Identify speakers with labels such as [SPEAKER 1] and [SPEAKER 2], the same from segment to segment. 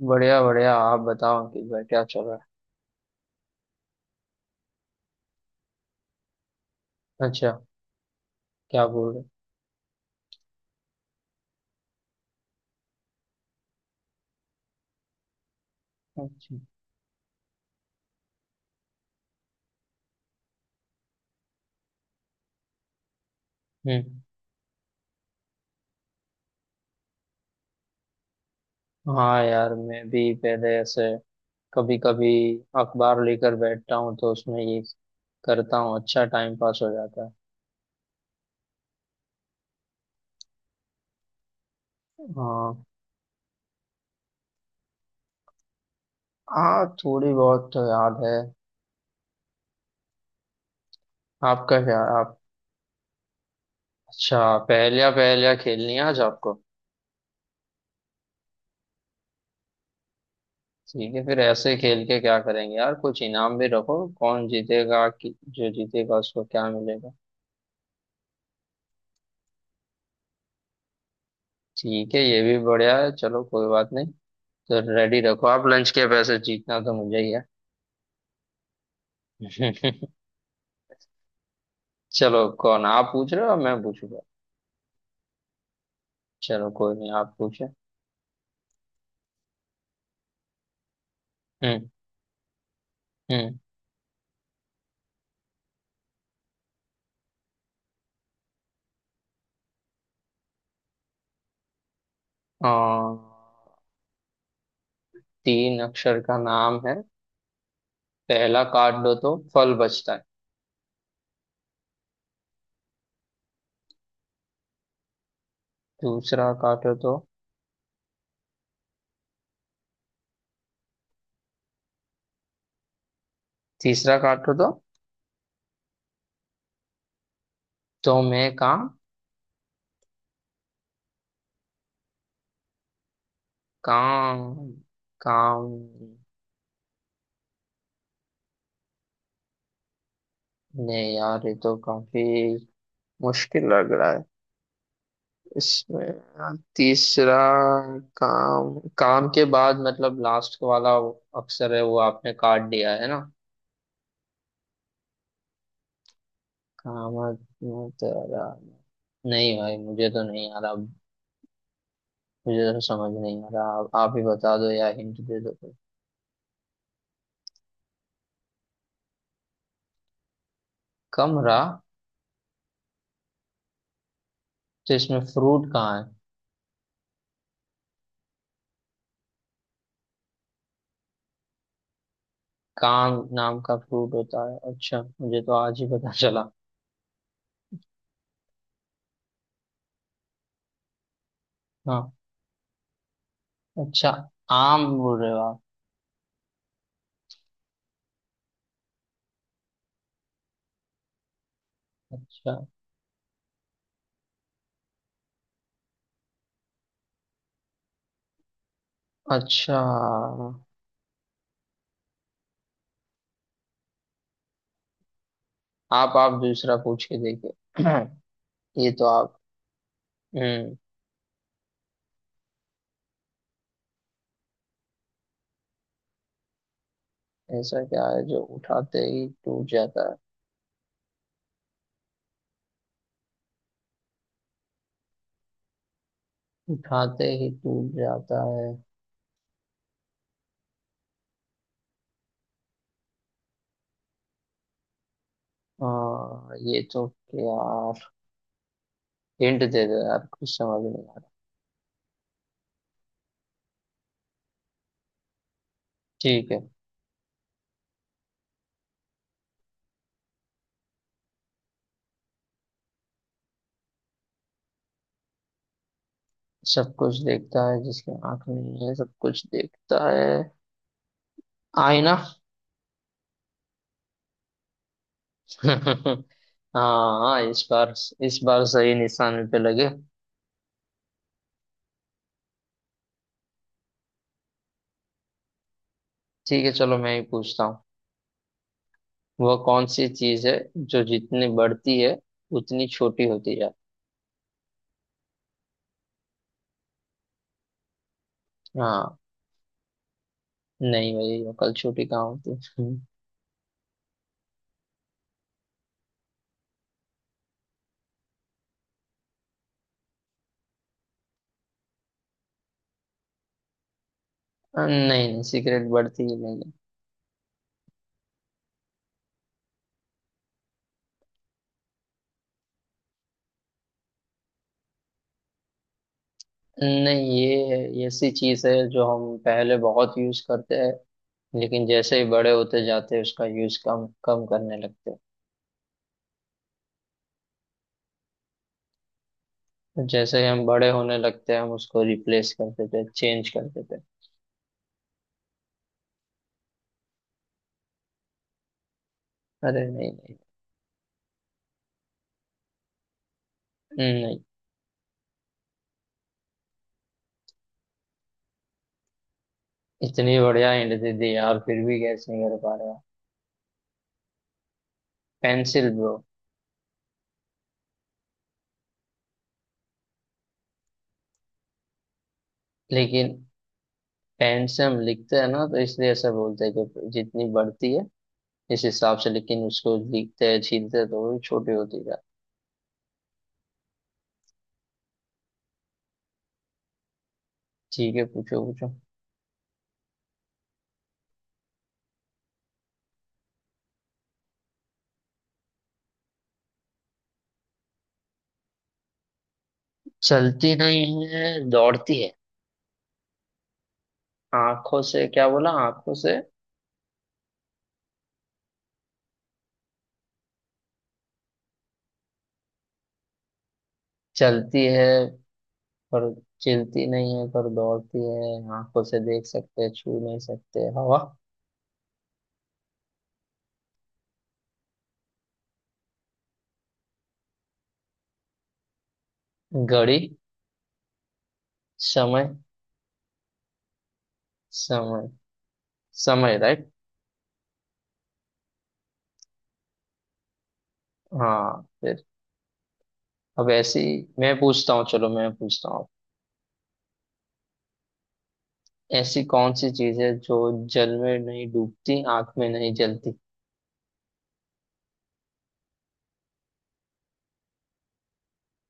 [SPEAKER 1] बढ़िया बढ़िया, आप बताओ अंकित भाई, क्या चल रहा है। अच्छा। क्या बोल रहे। अच्छा। हम्म। हाँ यार, मैं भी पहले ऐसे कभी कभी अखबार लेकर बैठता हूँ तो उसमें ये करता हूँ, अच्छा टाइम पास हो जाता है। हाँ हाँ, थोड़ी बहुत तो याद है। आपका क्या? आप अच्छा पहेलियाँ पहेलियाँ खेलनी है आज आपको। ठीक है, फिर ऐसे खेल के क्या करेंगे यार, कुछ इनाम भी रखो। कौन जीतेगा कि जो जीतेगा उसको क्या मिलेगा। ठीक है, ये भी बढ़िया है, चलो कोई बात नहीं। तो रेडी रखो आप लंच के पैसे, जीतना तो मुझे ही है। चलो, कौन आप पूछ रहे हो या मैं पूछूंगा। चलो कोई नहीं, आप पूछे। हम्म। हम्म। आ, तीन अक्षर का नाम है। पहला काट दो तो फल बचता है। दूसरा काटो तो। तीसरा काटो तो। तो मैं काम। काम। काम। नहीं यार, ये तो काफी मुश्किल लग रहा है। इसमें तीसरा काम, काम के बाद मतलब लास्ट वाला अक्षर है वो आपने काट दिया है ना। काम तेरा। नहीं भाई, मुझे तो नहीं आ रहा। मुझे तो समझ नहीं आ रहा, आप ही बता दो या हिंट दे दो कोई। कमरा? तो इसमें फ्रूट कहाँ है? काम नाम का फ्रूट होता है, अच्छा मुझे तो आज ही पता चला। हाँ। अच्छा, आम बोल रहे हो आप। अच्छा। अच्छा, आप दूसरा पूछ के देखिए। ये तो आप। हम्म। ऐसा क्या है जो उठाते ही टूट जाता है? उठाते ही टूट जाता है। हाँ ये तो, यार हिंट दे दो यार, कुछ समझ नहीं आ रहा। ठीक है। सब कुछ देखता है जिसकी आंख नहीं है, सब कुछ देखता है। आईना। हाँ हाँ, इस बार सही निशाने पे लगे। ठीक है चलो, मैं ही पूछता हूँ। वह कौन सी चीज है जो जितनी बढ़ती है उतनी छोटी होती जाती है। हाँ। नहीं भाई, अकल छोटी कहाँ होती है। नहीं नहीं, सिगरेट बढ़ती ही नहीं है। नहीं, ये ऐसी चीज है जो हम पहले बहुत यूज करते हैं लेकिन जैसे ही बड़े होते जाते हैं उसका यूज कम कम करने लगते हैं। जैसे ही हम बड़े होने लगते हैं हम उसको रिप्लेस कर देते हैं, चेंज कर देते हैं। अरे नहीं नहीं। नहीं, इतनी बढ़िया हिंट दे दी यार, फिर भी गैस नहीं कर पा रहे हो। Pencil bro. लेकिन पेन से हम लिखते हैं ना, तो इसलिए ऐसा बोलते हैं कि जितनी बढ़ती है इस हिसाब से, लेकिन उसको लिखते हैं छीलते हैं तो वो छोटी होती है। ठीक है, पूछो पूछो। चलती नहीं है दौड़ती है। आंखों से क्या बोला? आंखों से चलती है पर, चलती नहीं है पर दौड़ती है, आंखों से देख सकते हैं छू नहीं सकते, हवा। घड़ी। समय। समय। समय राइट। हाँ फिर, अब ऐसी मैं पूछता हूँ चलो मैं पूछता हूँ, ऐसी कौन सी चीज है जो जल में नहीं डूबती आंख में नहीं जलती।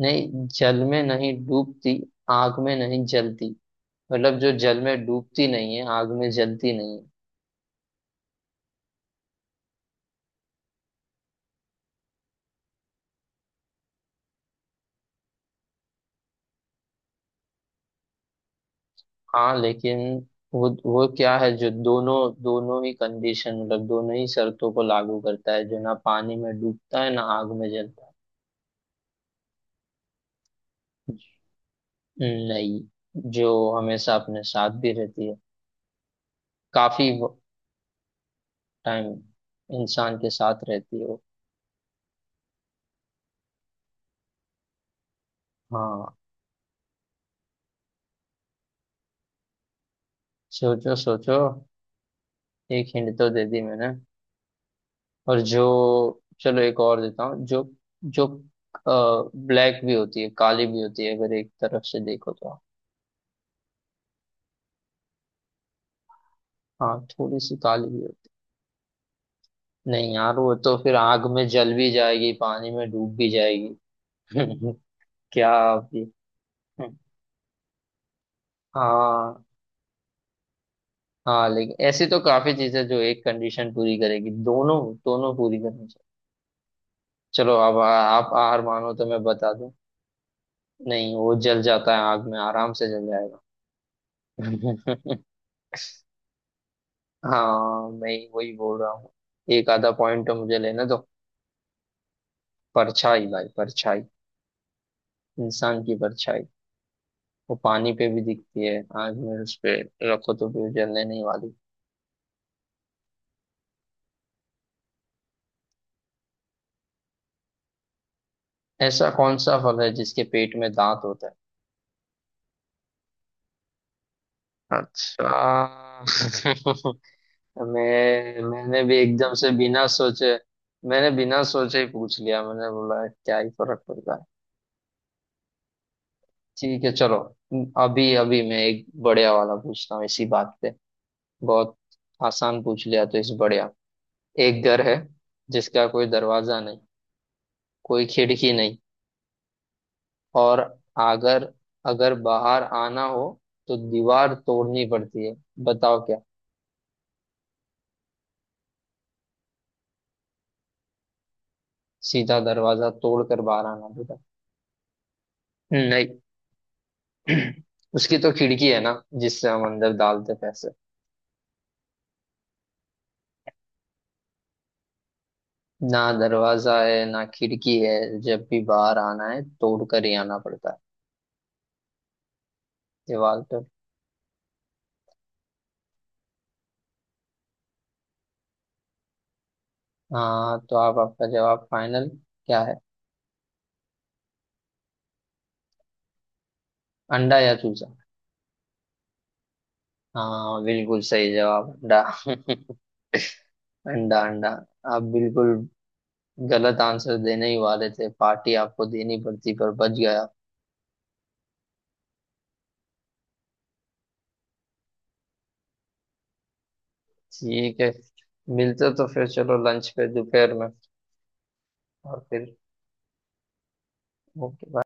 [SPEAKER 1] नहीं, जल में नहीं डूबती आंख में नहीं जलती, मतलब जो जल में डूबती नहीं है आग में जलती नहीं है। हाँ लेकिन वो क्या है जो दोनों दोनों ही कंडीशन, मतलब दोनों ही शर्तों को लागू करता है, जो ना पानी में डूबता है ना आग में जलता है। नहीं, जो हमेशा अपने साथ भी रहती है, काफी टाइम इंसान के साथ रहती है वो। हाँ। सोचो सोचो, एक हिंट तो दे दी मैंने। और जो, चलो एक और देता हूँ। जो, जो ब्लैक भी होती है काली भी होती है अगर एक तरफ से देखो तो। हाँ, थोड़ी सी काली भी होती है। नहीं यार, वो तो फिर आग में जल भी जाएगी पानी में डूब भी जाएगी। क्या आप ये, हाँ हाँ लेकिन ऐसी तो काफी चीजें जो एक कंडीशन पूरी करेगी, दोनों दोनों पूरी करनी चाहिए। चलो अब, आप हार मानो तो मैं बता दूं। नहीं, वो जल जाता है आग में, आराम से जल जाएगा। हाँ, मैं वही बोल रहा हूँ, एक आधा पॉइंट तो मुझे लेना दो। परछाई भाई, परछाई, इंसान की परछाई। वो पानी पे भी दिखती है, आग में उस पे रखो तो भी वो जलने नहीं वाली। ऐसा कौन सा फल है जिसके पेट में दांत होता है? अच्छा। मैंने भी एकदम से बिना सोचे, मैंने बिना सोचे ही पूछ लिया, मैंने बोला क्या ही फर्क पड़ता है। ठीक है चलो, अभी अभी मैं एक बढ़िया वाला पूछता हूँ इसी बात पे। बहुत आसान पूछ लिया तो इस बढ़िया। एक घर है जिसका कोई दरवाजा नहीं, कोई खिड़की नहीं, और अगर अगर बाहर आना हो तो दीवार तोड़नी पड़ती है। बताओ क्या। सीधा दरवाजा तोड़ कर बाहर आना पड़ता है? नहीं। उसकी तो खिड़की है ना जिससे हम अंदर डालते पैसे। ना दरवाजा है ना खिड़की है, जब भी बाहर आना है तोड़ कर ही आना पड़ता है दीवार पर। हाँ तो आप आपका जवाब फाइनल क्या है? अंडा या चूजा? हाँ बिल्कुल सही जवाब, अंडा। अंडा, अंडा। आप बिल्कुल गलत आंसर देने ही वाले थे, पार्टी आपको देनी पड़ती पर बच गया। ठीक है, मिलते तो फिर चलो लंच पे दोपहर में। और फिर ओके।